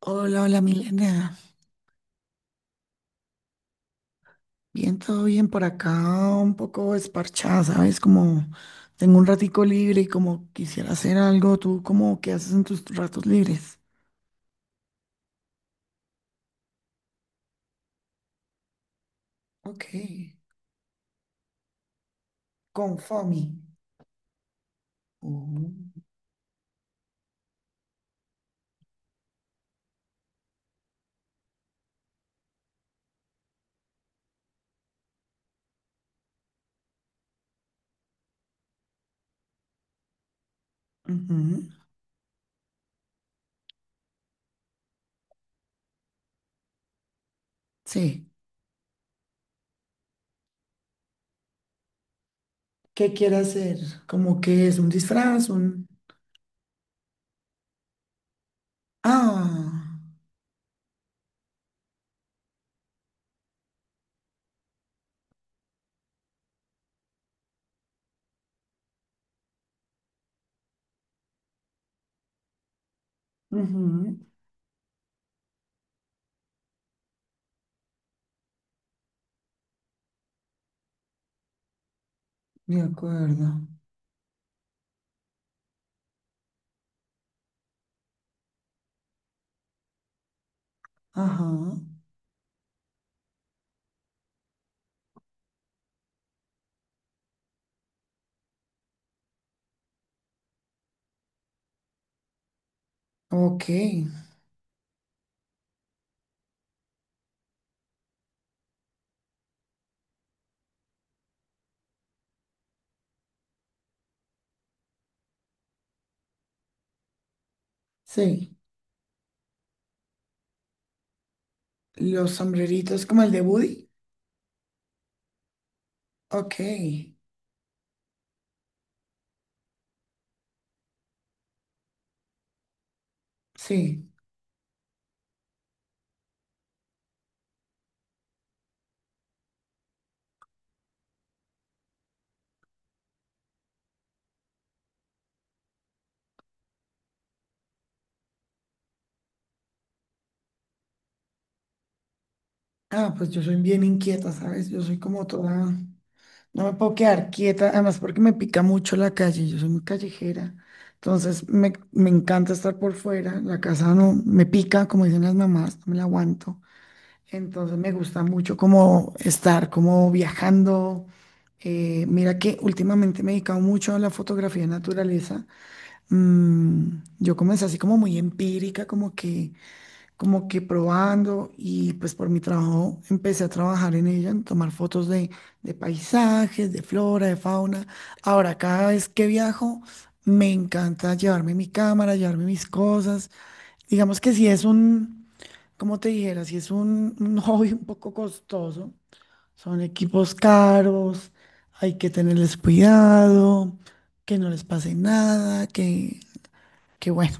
Hola, hola Milena. Bien, todo bien por acá, un poco esparchada, ¿sabes? Como tengo un ratico libre y como quisiera hacer algo. ¿Tú cómo qué haces en tus ratos libres? Ok, con FOMI. Oh. Ujú. Sí. ¿Qué quiere hacer? Como que es un disfraz, un... Ah, ujú, de acuerdo. Ajá. Ok, sí. Los sombreritos como el de Woody. Ok, sí. Ah, pues yo soy bien inquieta, ¿sabes? Yo soy como toda, no me puedo quedar quieta, además porque me pica mucho la calle, yo soy muy callejera, entonces me encanta estar por fuera, la casa no me pica, como dicen las mamás, no me la aguanto, entonces me gusta mucho como estar, como viajando. Mira que últimamente me he dedicado mucho a la fotografía de naturaleza. Mm, yo comencé así como muy empírica, como que probando y pues por mi trabajo empecé a trabajar en ella, en tomar fotos de paisajes, de flora, de fauna. Ahora, cada vez que viajo, me encanta llevarme mi cámara, llevarme mis cosas. Digamos que si es un, como te dijera, si es un hobby un poco costoso, son equipos caros, hay que tenerles cuidado, que no les pase nada, que bueno.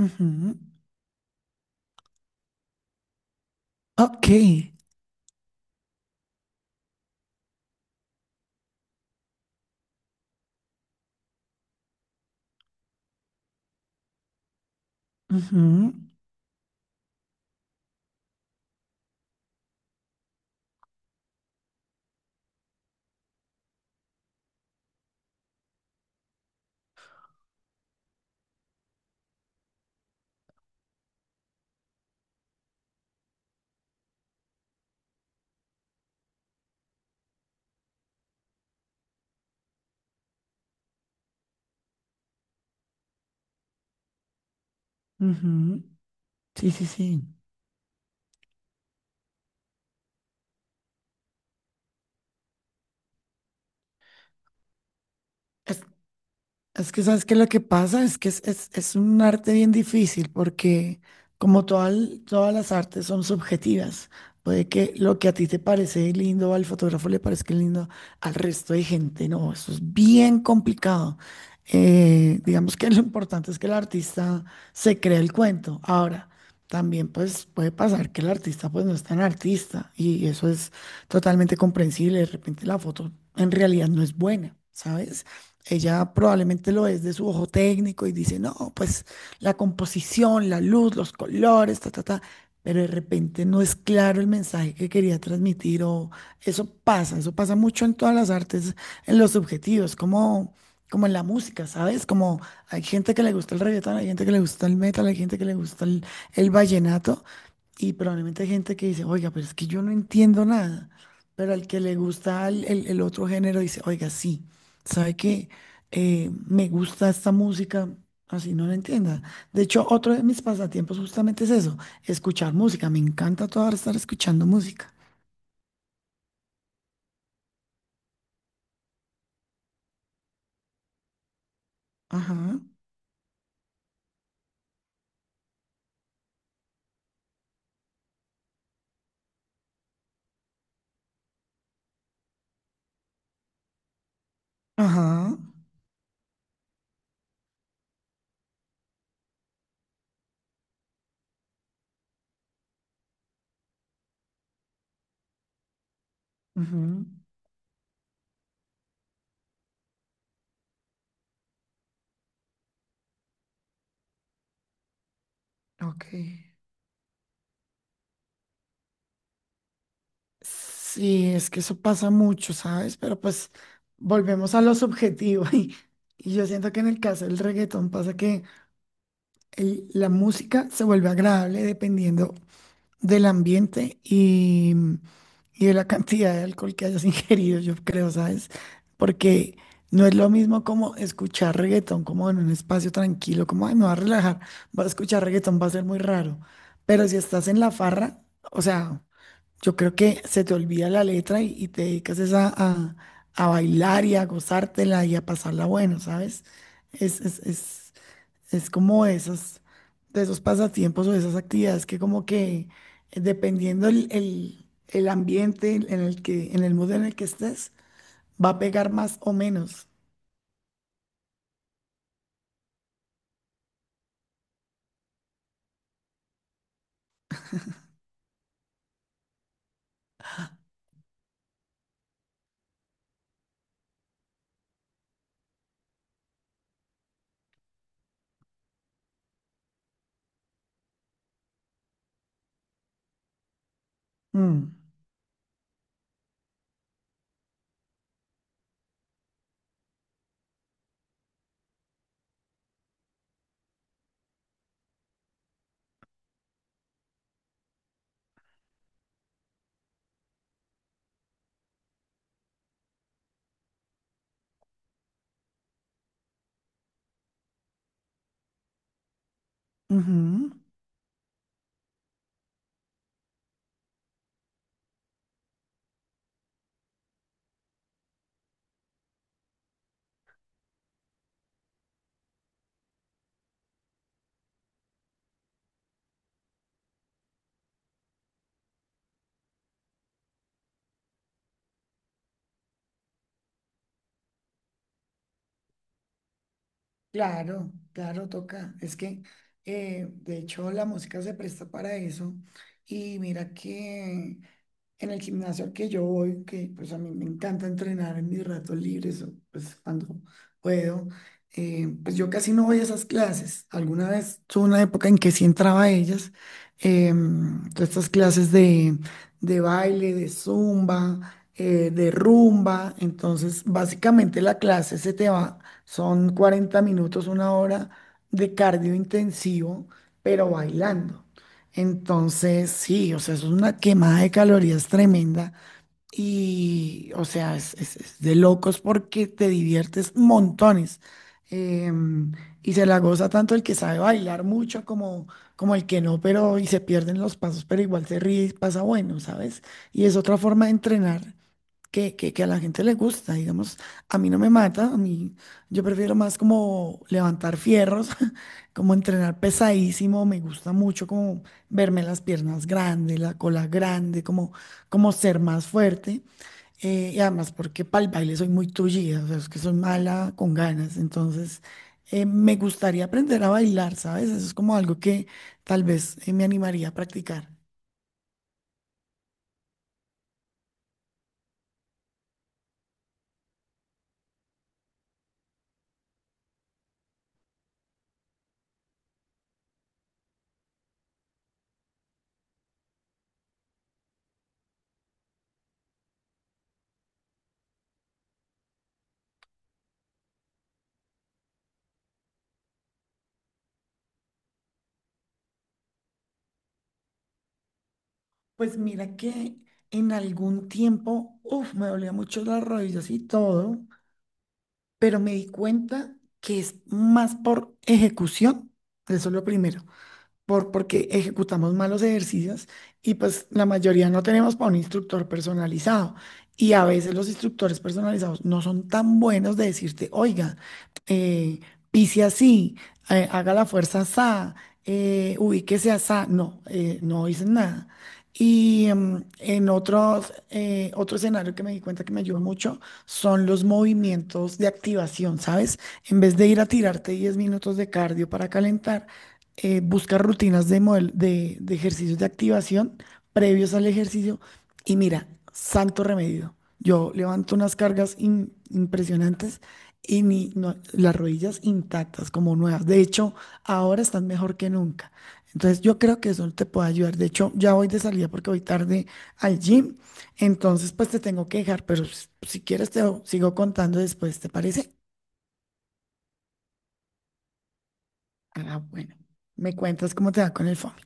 Ujú. Ok. Ujú, ujú. Sí, sí, sí. Es- Es que sabes que lo que pasa es que es, es un arte bien difícil porque como toda todas las artes son subjetivas, puede que lo que a ti te parece lindo al fotógrafo le parezca lindo al resto de gente, no, eso es bien complicado. Digamos que lo importante es que el artista se crea el cuento. Ahora, también pues puede pasar que el artista pues no es tan artista y eso es totalmente comprensible, de repente la foto en realidad no es buena, ¿sabes? Ella probablemente lo es de su ojo técnico y dice, no, pues la composición, la luz, los colores, ta, ta, ta, pero de repente no es claro el mensaje que quería transmitir o eso pasa mucho en todas las artes, en los subjetivos, como, como en la música, ¿sabes? Como hay gente que le gusta el reggaetón, hay gente que le gusta el metal, hay gente que le gusta el vallenato y probablemente hay gente que dice, oiga, pero es que yo no entiendo nada. Pero al que le gusta el, el otro género dice, oiga, sí, sabe que me gusta esta música, así no la entienda. De hecho, otro de mis pasatiempos justamente es eso, escuchar música. Me encanta toda ahora estar escuchando música. Ajá, ajá, ujú. Ok. Sí, es que eso pasa mucho, ¿sabes? Pero pues volvemos a lo subjetivo. Y, y yo siento que en el caso del reggaetón pasa que la música se vuelve agradable dependiendo del ambiente y de la cantidad de alcohol que hayas ingerido, yo creo, ¿sabes? Porque no es lo mismo como escuchar reggaetón como en un espacio tranquilo, como, ay, me va a relajar, va a escuchar reggaetón, va a ser muy raro. Pero si estás en la farra, o sea, yo creo que se te olvida la letra y te dedicas es a, a bailar y a gozártela y a pasarla bueno, ¿sabes? Es, es como esos, de esos pasatiempos o esas actividades que como que dependiendo el, el ambiente en el que, en el mood en el que estés, va a pegar más o menos. Mm, ujú. Claro, claro, toca. Es que de hecho la música se presta para eso. Y mira que en el gimnasio al que yo voy, que pues a mí me encanta entrenar en mis ratos libres, o, pues cuando puedo, pues yo casi no voy a esas clases. Alguna vez tuve una época en que sí entraba a ellas, todas estas clases de baile, de zumba, de rumba. Entonces, básicamente la clase se te va, son 40 minutos, una hora de cardio intensivo, pero bailando. Entonces, sí, o sea, es una quemada de calorías tremenda y, o sea, es, es de locos porque te diviertes montones. Em, y se la goza tanto el que sabe bailar mucho como, como el que no, pero y se pierden los pasos, pero igual se ríe y pasa bueno, ¿sabes? Y es otra forma de entrenar que a la gente le gusta, digamos, a mí no me mata, a mí yo prefiero más como levantar fierros, como entrenar pesadísimo, me gusta mucho como verme las piernas grandes, la cola grande, como, como ser más fuerte. Y además porque para el baile soy muy tullida, o sea, es que soy mala con ganas, entonces me gustaría aprender a bailar, ¿sabes? Eso es como algo que tal vez me animaría a practicar. Pues mira que en algún tiempo, uff, me dolía mucho las rodillas y todo, pero me di cuenta que es más por ejecución, eso es lo primero, por, porque ejecutamos malos ejercicios y pues la mayoría no tenemos para un instructor personalizado. Y a veces los instructores personalizados no son tan buenos de decirte, oiga, eh, pise así, haga la fuerza asá, ubíquese asá. No, no dicen nada. Y en otros, otro escenario que me di cuenta que me ayuda mucho son los movimientos de activación, ¿sabes? En vez de ir a tirarte 10 minutos de cardio para calentar, busca rutinas de, de ejercicios de activación previos al ejercicio y mira, santo remedio. Yo levanto unas cargas impresionantes y las rodillas intactas, como nuevas. De hecho, ahora están mejor que nunca. Entonces, yo creo que eso te puede ayudar. De hecho, ya voy de salida porque voy tarde al gym. Entonces, pues te tengo que dejar, pero si quieres te sigo contando después, ¿te parece? Ah, bueno. Me cuentas cómo te va con el fondo.